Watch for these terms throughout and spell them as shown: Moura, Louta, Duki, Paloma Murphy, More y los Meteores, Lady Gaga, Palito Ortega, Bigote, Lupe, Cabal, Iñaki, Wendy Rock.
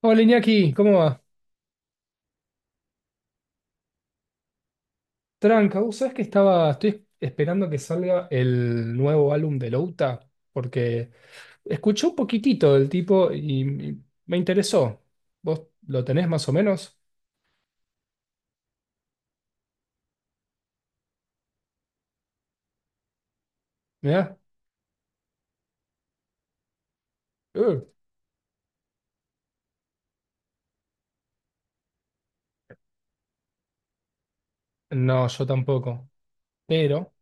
Hola Iñaki, ¿cómo va? Tranca, ¿vos sabés que estoy esperando que salga el nuevo álbum de Louta? Porque escuché un poquitito del tipo y me interesó. ¿Vos lo tenés más o menos? ¿Mirá? Eh, No, yo tampoco. Pero,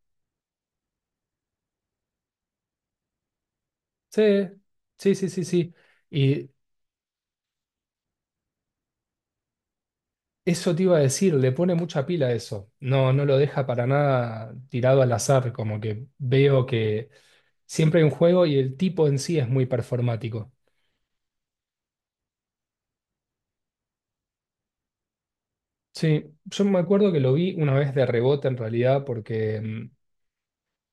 sí, sí, sí, sí, sí. Y eso te iba a decir, le pone mucha pila a eso. No, no lo deja para nada tirado al azar, como que veo que siempre hay un juego y el tipo en sí es muy performático. Sí, yo me acuerdo que lo vi una vez de rebote en realidad porque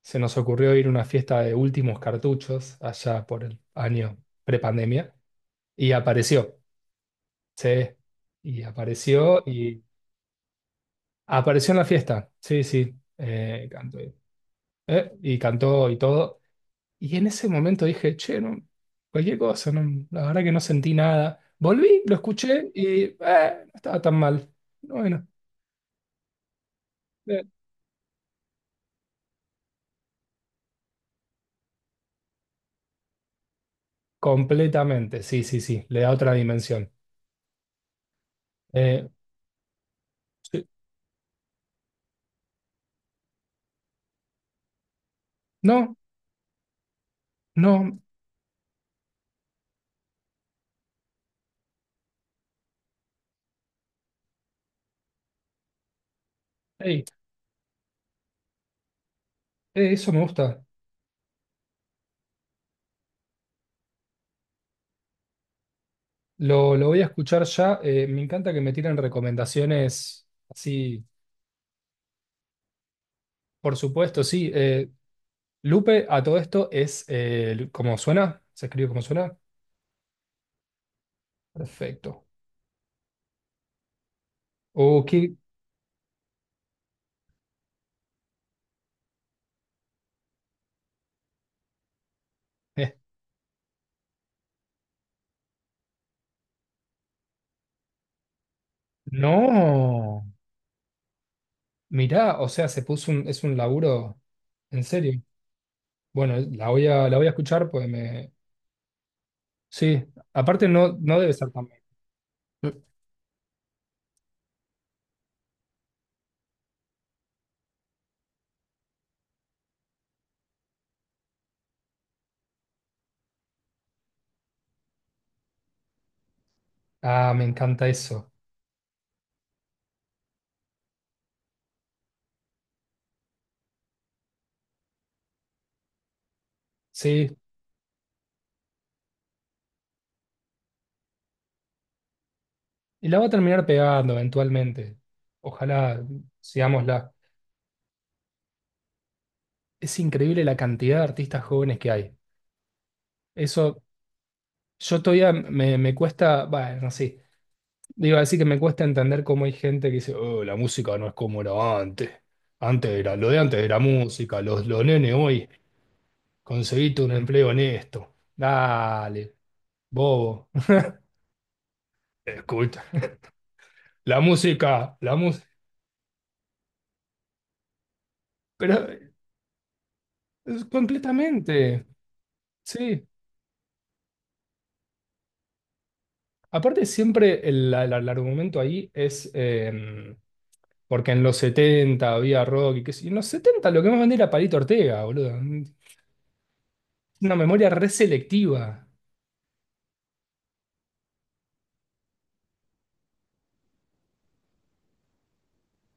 se nos ocurrió ir a una fiesta de últimos cartuchos allá por el año prepandemia y apareció, sí, y apareció en la fiesta, sí, sí, y cantó y todo. Y en ese momento dije, che, no, cualquier cosa, no, la verdad que no sentí nada. Volví, lo escuché y no estaba tan mal. Bueno, eh, completamente, sí, sí, sí, le da otra dimensión. Eh, sí. No, no, ey, eso me gusta. Lo voy a escuchar ya. Me encanta que me tiren recomendaciones así, por supuesto, sí. Lupe, a todo esto es como suena, se escribe como suena. Perfecto. Oh, eh, no, mirá, o sea, es un laburo en serio. Bueno, la voy a escuchar, pues me. Sí, aparte no, no debe ser tan. Ah, me encanta eso. Sí, y la va a terminar pegando eventualmente. Ojalá, sigámosla. Es increíble la cantidad de artistas jóvenes que hay. Eso, yo todavía me cuesta, bueno, sí, digo, así que me cuesta entender cómo hay gente que dice, oh, la música no es como era antes. Lo de antes era música, los nenes hoy, conseguiste un empleo honesto. Dale, bobo. Escucha, la música, la música. Pero es completamente, sí. Aparte, siempre el argumento ahí es, porque en los 70 había rock y qué sé yo. En los 70 lo que más vendía era Palito Ortega, boludo. Una memoria reselectiva.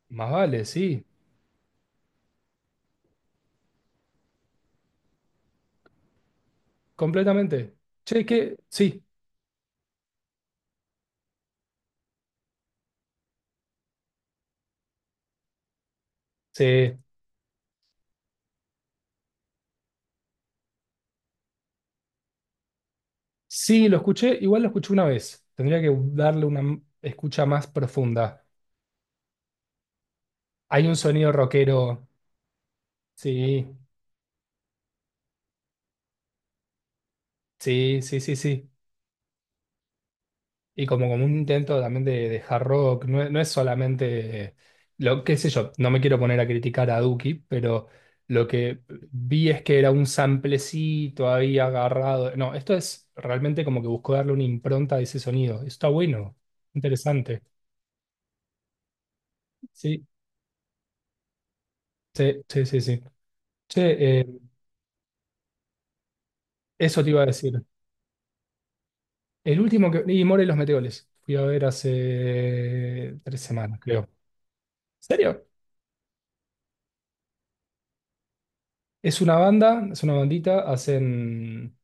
Más vale, sí, completamente. Che, que sí, sí, sí, lo escuché, igual lo escuché una vez. Tendría que darle una escucha más profunda. Hay un sonido rockero. Sí, sí, sí, sí, sí. Y como un intento también de hard rock, no, es no es solamente, lo qué sé yo, no me quiero poner a criticar a Duki, pero lo que vi es que era un samplecito ahí agarrado. No, esto es realmente como que buscó darle una impronta a ese sonido. Está bueno, interesante. Sí, sí, sí, sí, sí. Che, eso te iba a decir. Y More y los Meteores, fui a ver hace tres semanas, creo. ¿En serio? Es una banda, es una bandita, hacen,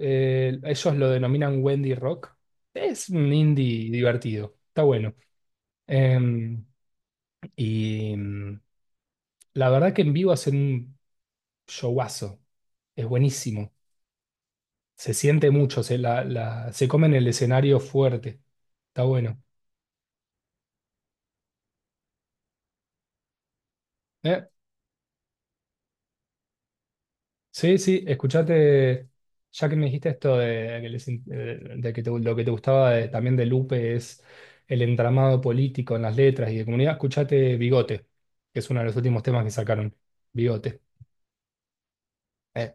eh, ellos lo denominan Wendy Rock. Es un indie divertido, está bueno. Em, y la verdad que en vivo hacen un showazo, es buenísimo. Se siente mucho, se comen el escenario fuerte, está bueno. ¿Eh? Sí, sí, escuchate, ya que me dijiste esto de, que les in- lo que te gustaba también de Lupe es el entramado político en las letras y de comunidad, escuchate Bigote, que es uno de los últimos temas que sacaron. Bigote. Eh.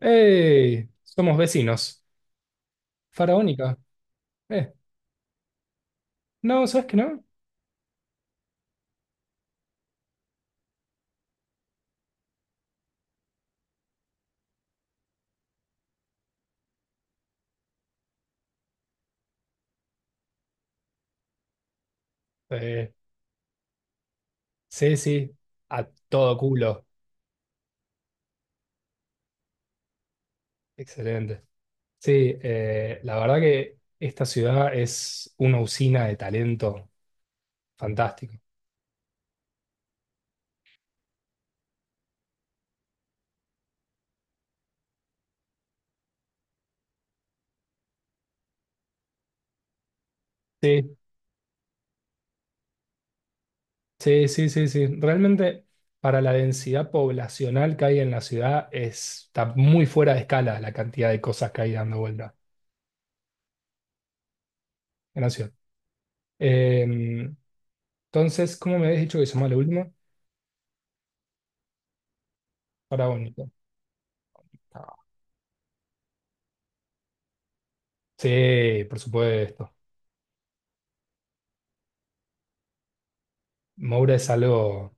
¡Ey! Somos vecinos. Faraónica. Eh. No, ¿sabes que no? Eh, sí, sí, a todo culo. Excelente. Sí, la verdad que esta ciudad es una usina de talento fantástico. Sí. Sí, sí, sí, sí. Realmente para la densidad poblacional que hay en la ciudad está muy fuera de escala la cantidad de cosas que hay dando vuelta en la ciudad. Eh, entonces, ¿cómo me habías dicho que se llama lo último? Patagónico. Sí, por supuesto. Moura es algo,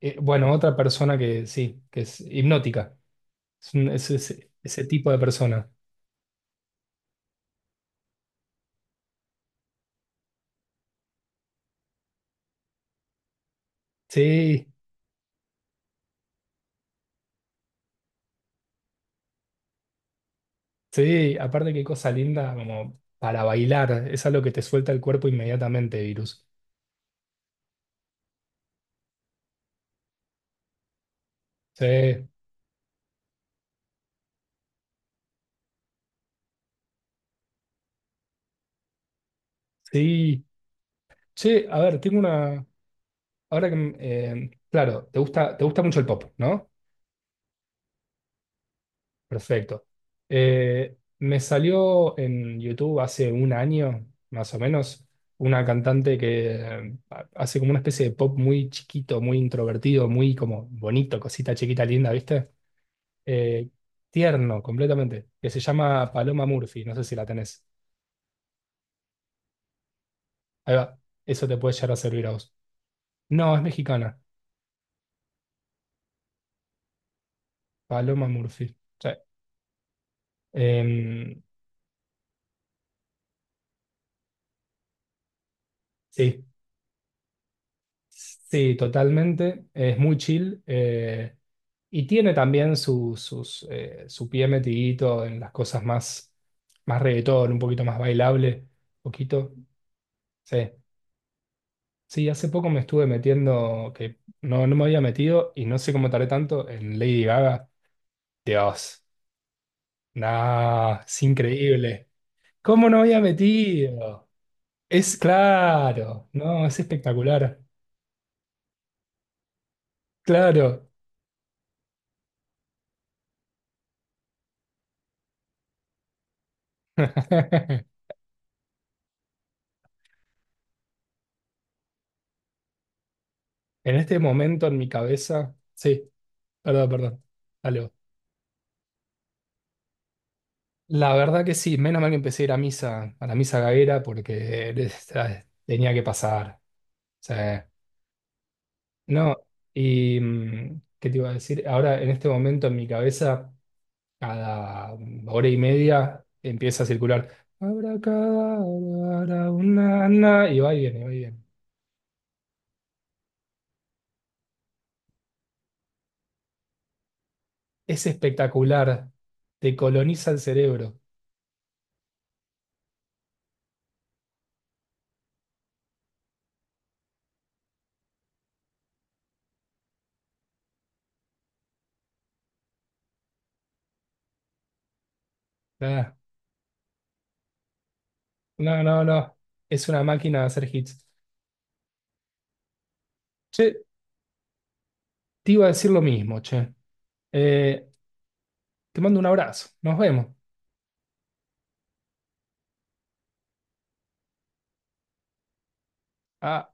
bueno, otra persona que sí, que es hipnótica. Es ese tipo de persona. Sí, sí, aparte qué cosa linda como para bailar. Es algo que te suelta el cuerpo inmediatamente, virus. Sí. Sí, che, a ver, tengo una. Claro, te gusta mucho el pop, ¿no? Perfecto. Me salió en YouTube hace un año, más o menos, una cantante que hace como una especie de pop muy chiquito, muy introvertido, muy como bonito, cosita chiquita, linda, ¿viste? Eh, tierno, completamente. Que se llama Paloma Murphy, no sé si la tenés. Ahí va, eso te puede llegar a servir a vos. No, es mexicana, Paloma Murphy. Sí. Em, Sí, sí, totalmente. Es muy chill. Y tiene también su pie metidito en las cosas más, reggaetón, un poquito más bailable, poquito. Sí. Sí, hace poco me estuve metiendo, que no, no me había metido y no sé cómo tardé tanto en Lady Gaga. Dios, no, es increíble. ¿Cómo no había metido? Es claro, no, es espectacular. Claro. En este momento en mi cabeza, sí, perdón, perdón. Dale vos. La verdad que sí, menos mal que empecé a ir a misa, a la misa gaguera, porque tenía que pasar. O sea, no, y ¿qué te iba a decir? Ahora, en este momento en mi cabeza, cada hora y media empieza a circular. Abracadabra, una, na, y va y viene, va y viene. Es espectacular, te coloniza el cerebro. Ah, no, no, no, es una máquina de hacer hits. Che, te iba a decir lo mismo, che. Eh, te mando un abrazo. Nos vemos. Ah.